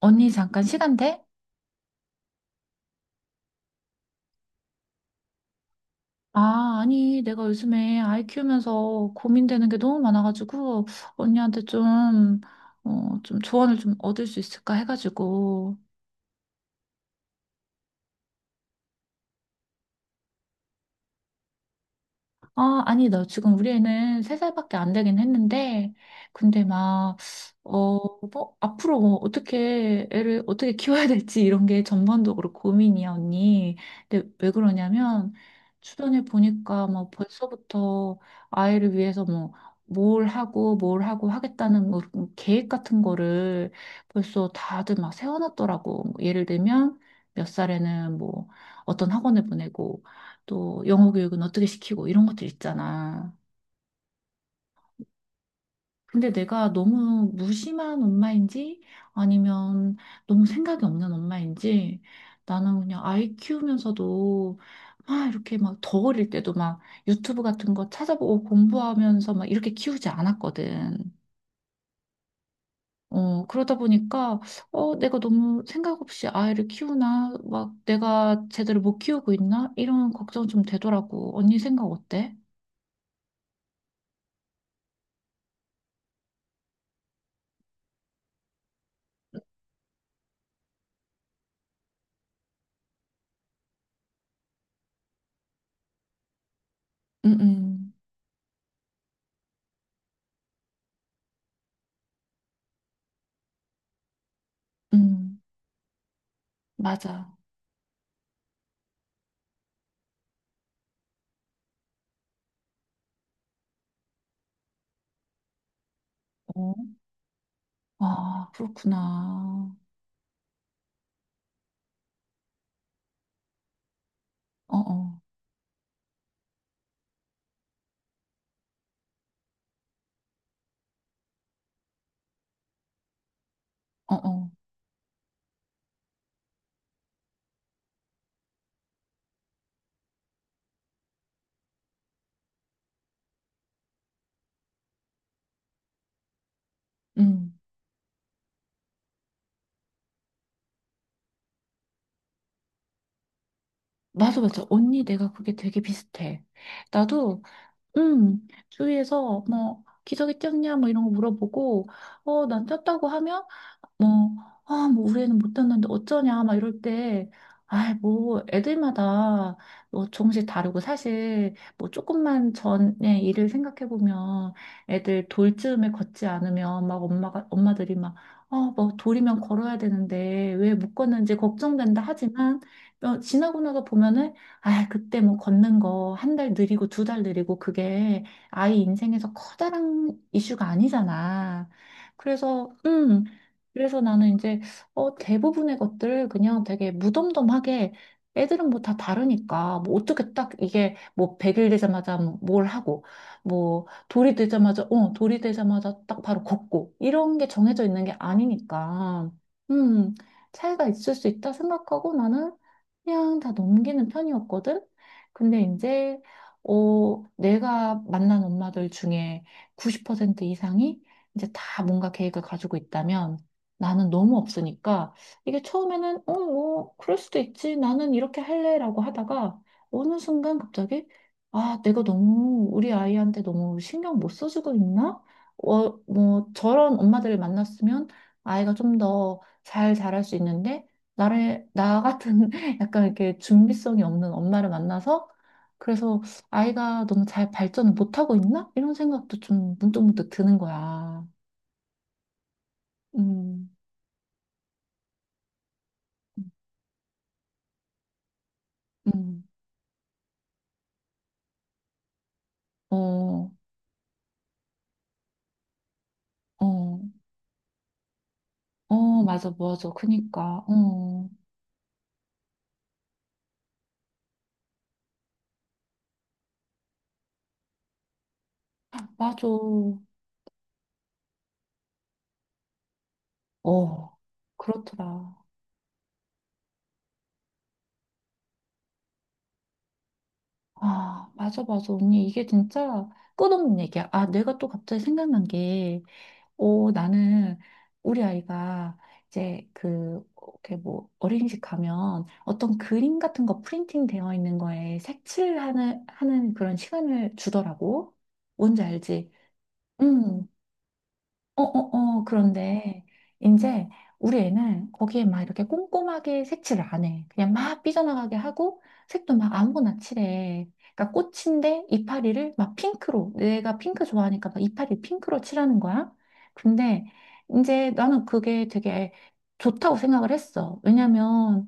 언니 잠깐 시간 돼? 아, 아니, 내가 요즘에 아이 키우면서 고민되는 게 너무 많아가지고, 언니한테 좀, 좀 조언을 좀 얻을 수 있을까 해가지고, 아, 아니, 나 지금 우리 애는 세살밖에안 되긴 했는데, 근데 막, 어, 뭐, 앞으로 뭐, 어떻게, 애를 어떻게 키워야 될지 이런 게 전반적으로 고민이야, 언니. 근데 왜 그러냐면, 주변에 보니까 뭐, 벌써부터 아이를 위해서 뭐, 뭘 하고 하겠다는 뭐, 그런 계획 같은 거를 벌써 다들 막 세워놨더라고. 뭐 예를 들면, 몇 살에는 뭐, 어떤 학원을 보내고, 또 영어 교육은 어떻게 시키고 이런 것들 있잖아. 근데 내가 너무 무심한 엄마인지 아니면 너무 생각이 없는 엄마인지 나는 그냥 아이 키우면서도 막 이렇게 막 더 어릴 때도 막 유튜브 같은 거 찾아보고 공부하면서 막 이렇게 키우지 않았거든. 그러다 보니까 내가 너무 생각 없이 아이를 키우나 막 내가 제대로 못 키우고 있나 이런 걱정 좀 되더라고. 언니 생각 어때? 응, 응, 응. 맞아. 어. 아, 그렇구나. 어어, 어어. 음. 맞아, 맞아. 언니, 내가 그게 되게 비슷해. 나도, 주위에서 뭐, 기저귀 쪘냐, 뭐 이런 거 물어보고, 어, 난 쪘다고 하면, 뭐, 아, 뭐, 우리 애는 못했는데 어쩌냐, 막 이럴 때, 아이, 뭐, 애들마다 뭐 조금씩 다르고, 사실, 뭐, 조금만 전에 일을 생각해보면, 애들 돌쯤에 걷지 않으면, 엄마들이 막, 어, 뭐, 돌이면 걸어야 되는데, 왜 못 걷는지 걱정된다 하지만, 어, 지나고 나서 보면은, 아, 그때 뭐, 걷는 거, 한 달 느리고, 두 달 느리고, 그게 아이 인생에서 커다란 이슈가 아니잖아. 그래서, 그래서 나는 이제 대부분의 것들을 그냥 되게 무덤덤하게, 애들은 뭐 다 다르니까 뭐 어떻게 딱 이게 뭐 100일 되자마자 뭘 하고 뭐 돌이 되자마자 딱 바로 걷고 이런 게 정해져 있는 게 아니니까, 음, 차이가 있을 수 있다 생각하고 나는 그냥 다 넘기는 편이었거든. 근데 이제 내가 만난 엄마들 중에 90% 이상이 이제 다 뭔가 계획을 가지고 있다면 나는 너무 없으니까, 이게 처음에는, 어, 뭐 그럴 수도 있지. 나는 이렇게 할래라고 하다가 어느 순간 갑자기 아, 내가 너무 우리 아이한테 너무 신경 못 써주고 있나? 어, 뭐 저런 엄마들을 만났으면 아이가 좀 더 잘 자랄 수 있는데 나를 나 같은 약간 이렇게 준비성이 없는 엄마를 만나서 그래서 아이가 너무 잘 발전을 못하고 있나? 이런 생각도 좀 문득문득 드는 거야. 음. 음. 음. 어, 어, 어, 맞아, 맞아. 그니까, 어, 맞아. 어, 그렇더라. 아, 맞아, 맞아. 언니, 이게 진짜 끝없는 얘기야. 아, 내가 또 갑자기 생각난 게, 어, 나는 우리 아이가 이제 그, 이렇게 뭐, 어린이집 가면 어떤 그림 같은 거 프린팅 되어 있는 거에 하는 그런 시간을 주더라고. 뭔지 알지? 음. 어, 어, 어, 그런데 이제 우리 애는 거기에 막 이렇게 꼼꼼하게 색칠을 안 해. 그냥 막 삐져나가게 하고 색도 막 아무거나 칠해. 그러니까 꽃인데 이파리를 막 핑크로, 내가 핑크 좋아하니까 막 이파리 핑크로 칠하는 거야. 근데 이제 나는 그게 되게 좋다고 생각을 했어. 왜냐면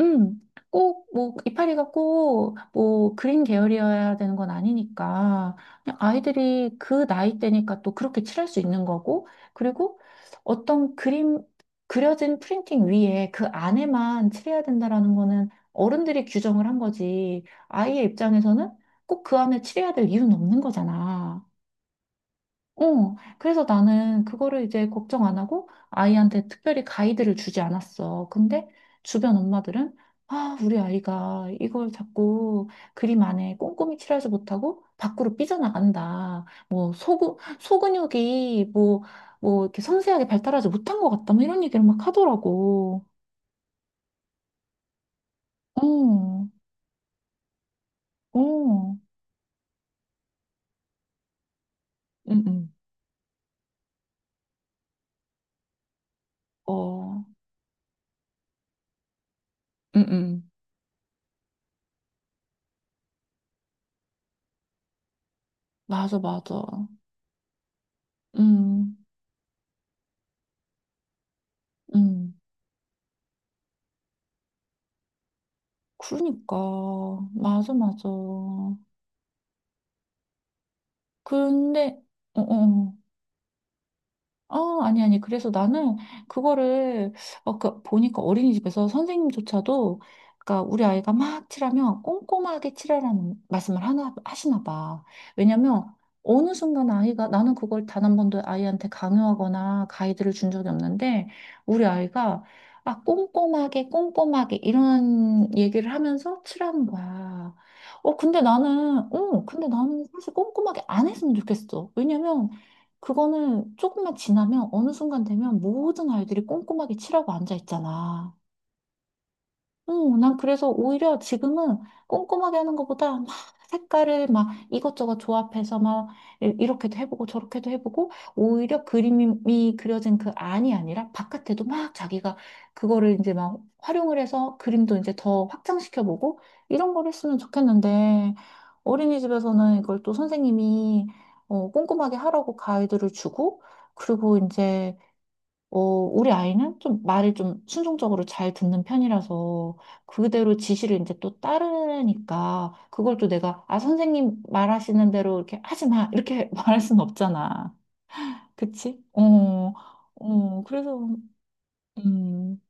음, 꼭, 뭐, 이파리가 꼭, 뭐, 그린 계열이어야 되는 건 아니니까, 그냥 아이들이 그 나이 때니까 또 그렇게 칠할 수 있는 거고, 그리고 어떤 그림, 그려진 프린팅 위에 그 안에만 칠해야 된다라는 거는 어른들이 규정을 한 거지, 아이의 입장에서는 꼭 그 안에 칠해야 될 이유는 없는 거잖아. 어, 그래서 나는 그거를 이제 걱정 안 하고 아이한테 특별히 가이드를 주지 않았어. 근데 주변 엄마들은 아, 우리 아이가 이걸 자꾸 그림 안에 꼼꼼히 칠하지 못하고 밖으로 삐져나간다. 뭐, 소근육이 뭐, 뭐, 이렇게 섬세하게 발달하지 못한 것 같다. 뭐 이런 얘기를 막 하더라고. 어, 어, 응, 응. 어, 응, 응. 맞아, 맞아. 음, 음. 그러니까 맞아, 맞아. 근데 어, 어, 어. 어, 아니, 아니. 그래서 나는 그거를, 어, 그, 보니까 어린이집에서 선생님조차도, 그러니까 우리 아이가 막 칠하면 꼼꼼하게 칠하라는 말씀을 하시나 봐. 왜냐면 어느 순간 아이가, 나는 그걸 단 한 번도 아이한테 강요하거나 가이드를 준 적이 없는데, 우리 아이가, 아, 꼼꼼하게, 꼼꼼하게, 이런 얘기를 하면서 칠하는 거야. 어, 근데 나는 사실 꼼꼼하게 안 했으면 좋겠어. 왜냐면, 그거는 조금만 지나면 어느 순간 되면 모든 아이들이 꼼꼼하게 칠하고 앉아 있잖아. 어, 난 그래서 오히려 지금은 꼼꼼하게 하는 것보다 막 색깔을 막 이것저것 조합해서 막 이렇게도 해보고 저렇게도 해보고 오히려 그림이 그려진 그 안이 아니라 바깥에도 막 자기가 그거를 이제 막 활용을 해서 그림도 이제 더 확장시켜보고 이런 걸 했으면 좋겠는데 어린이집에서는 이걸 또 선생님이 어, 꼼꼼하게 하라고 가이드를 주고 그리고 이제 어, 우리 아이는 좀 말을 좀 순종적으로 잘 듣는 편이라서 그대로 지시를 이제 또 따르니까 그걸 또 내가 아, 선생님 말하시는 대로 이렇게 하지 마, 이렇게 말할 순 없잖아. 그치? 어, 어, 그래서, 음,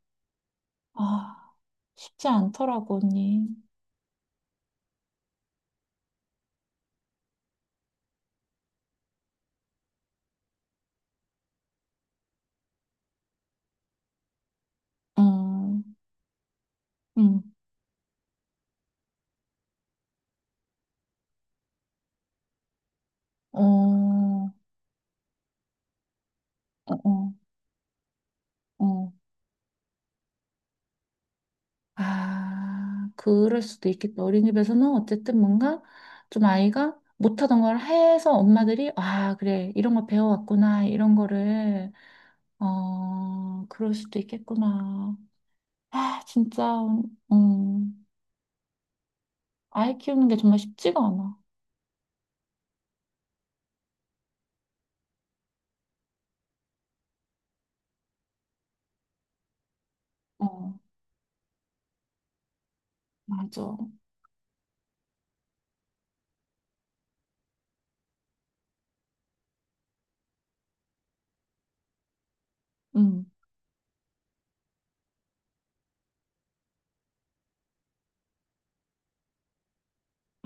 아, 쉽지 않더라고, 언니. 어 음, 어, 어, 어. 어. 아, 그럴 수도 있겠다. 어린이집에서는 어쨌든 뭔가 좀 아이가 못하던 걸 해서 엄마들이, 아, 그래, 이런 거 배워왔구나, 이런 거를, 어, 그럴 수도 있겠구나. 아, 진짜, 음, 아이 키우는 게 정말 쉽지가 않아. 어, 맞아. 음,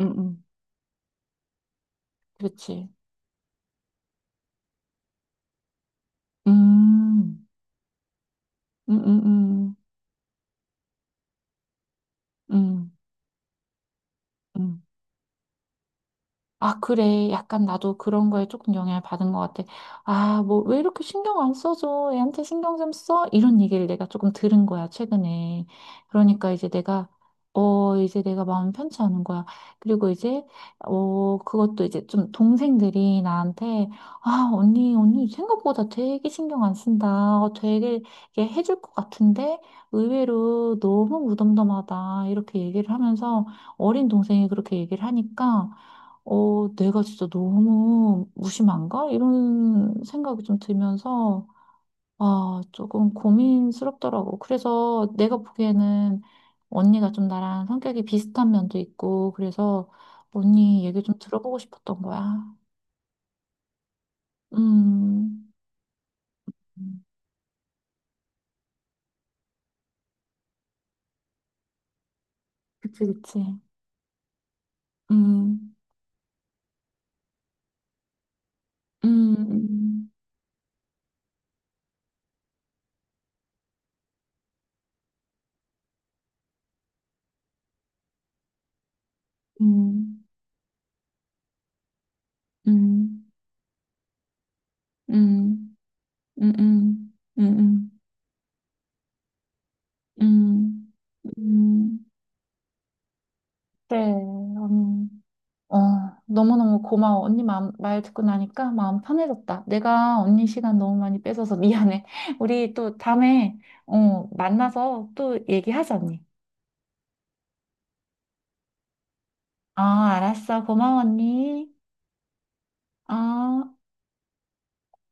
음, 음, 그렇지. 음, 음, 음, 음, 음. 음. 아, 그래. 약간 나도 그런 거에 조금 영향을 받은 것 같아. 아, 뭐, 왜 이렇게 신경 안 써줘? 애한테 신경 좀 써? 이런 얘기를 내가 조금 들은 거야, 최근에. 그러니까 이제 내가, 어, 이제 내가 마음 편치 않은 거야. 그리고 이제, 어, 그것도 이제 좀 동생들이 나한테, 아, 언니 생각보다 되게 신경 안 쓴다. 어, 되게 이게 해줄 것 같은데 의외로 너무 무덤덤하다. 이렇게 얘기를 하면서 어린 동생이 그렇게 얘기를 하니까 어, 내가 진짜 너무 무심한가? 이런 생각이 좀 들면서, 아, 조금 고민스럽더라고. 그래서 내가 보기에는 언니가 좀 나랑 성격이 비슷한 면도 있고, 그래서 언니 얘기 좀 들어보고 싶었던 거야. 음, 그치, 그치. 음, 음, 음, 음, 음, 음, 음, 음, 음, 음, 음. 그래, 어, 너무너무 고마워. 언니 마음, 말 듣고 나니까 마음 편해졌다. 내가 언니 시간 너무 많이 뺏어서 미안해. 우리 또 다음에, 어, 만나서 또 얘기하자, 언니. 아 알았어. 고마워, 언니. 어.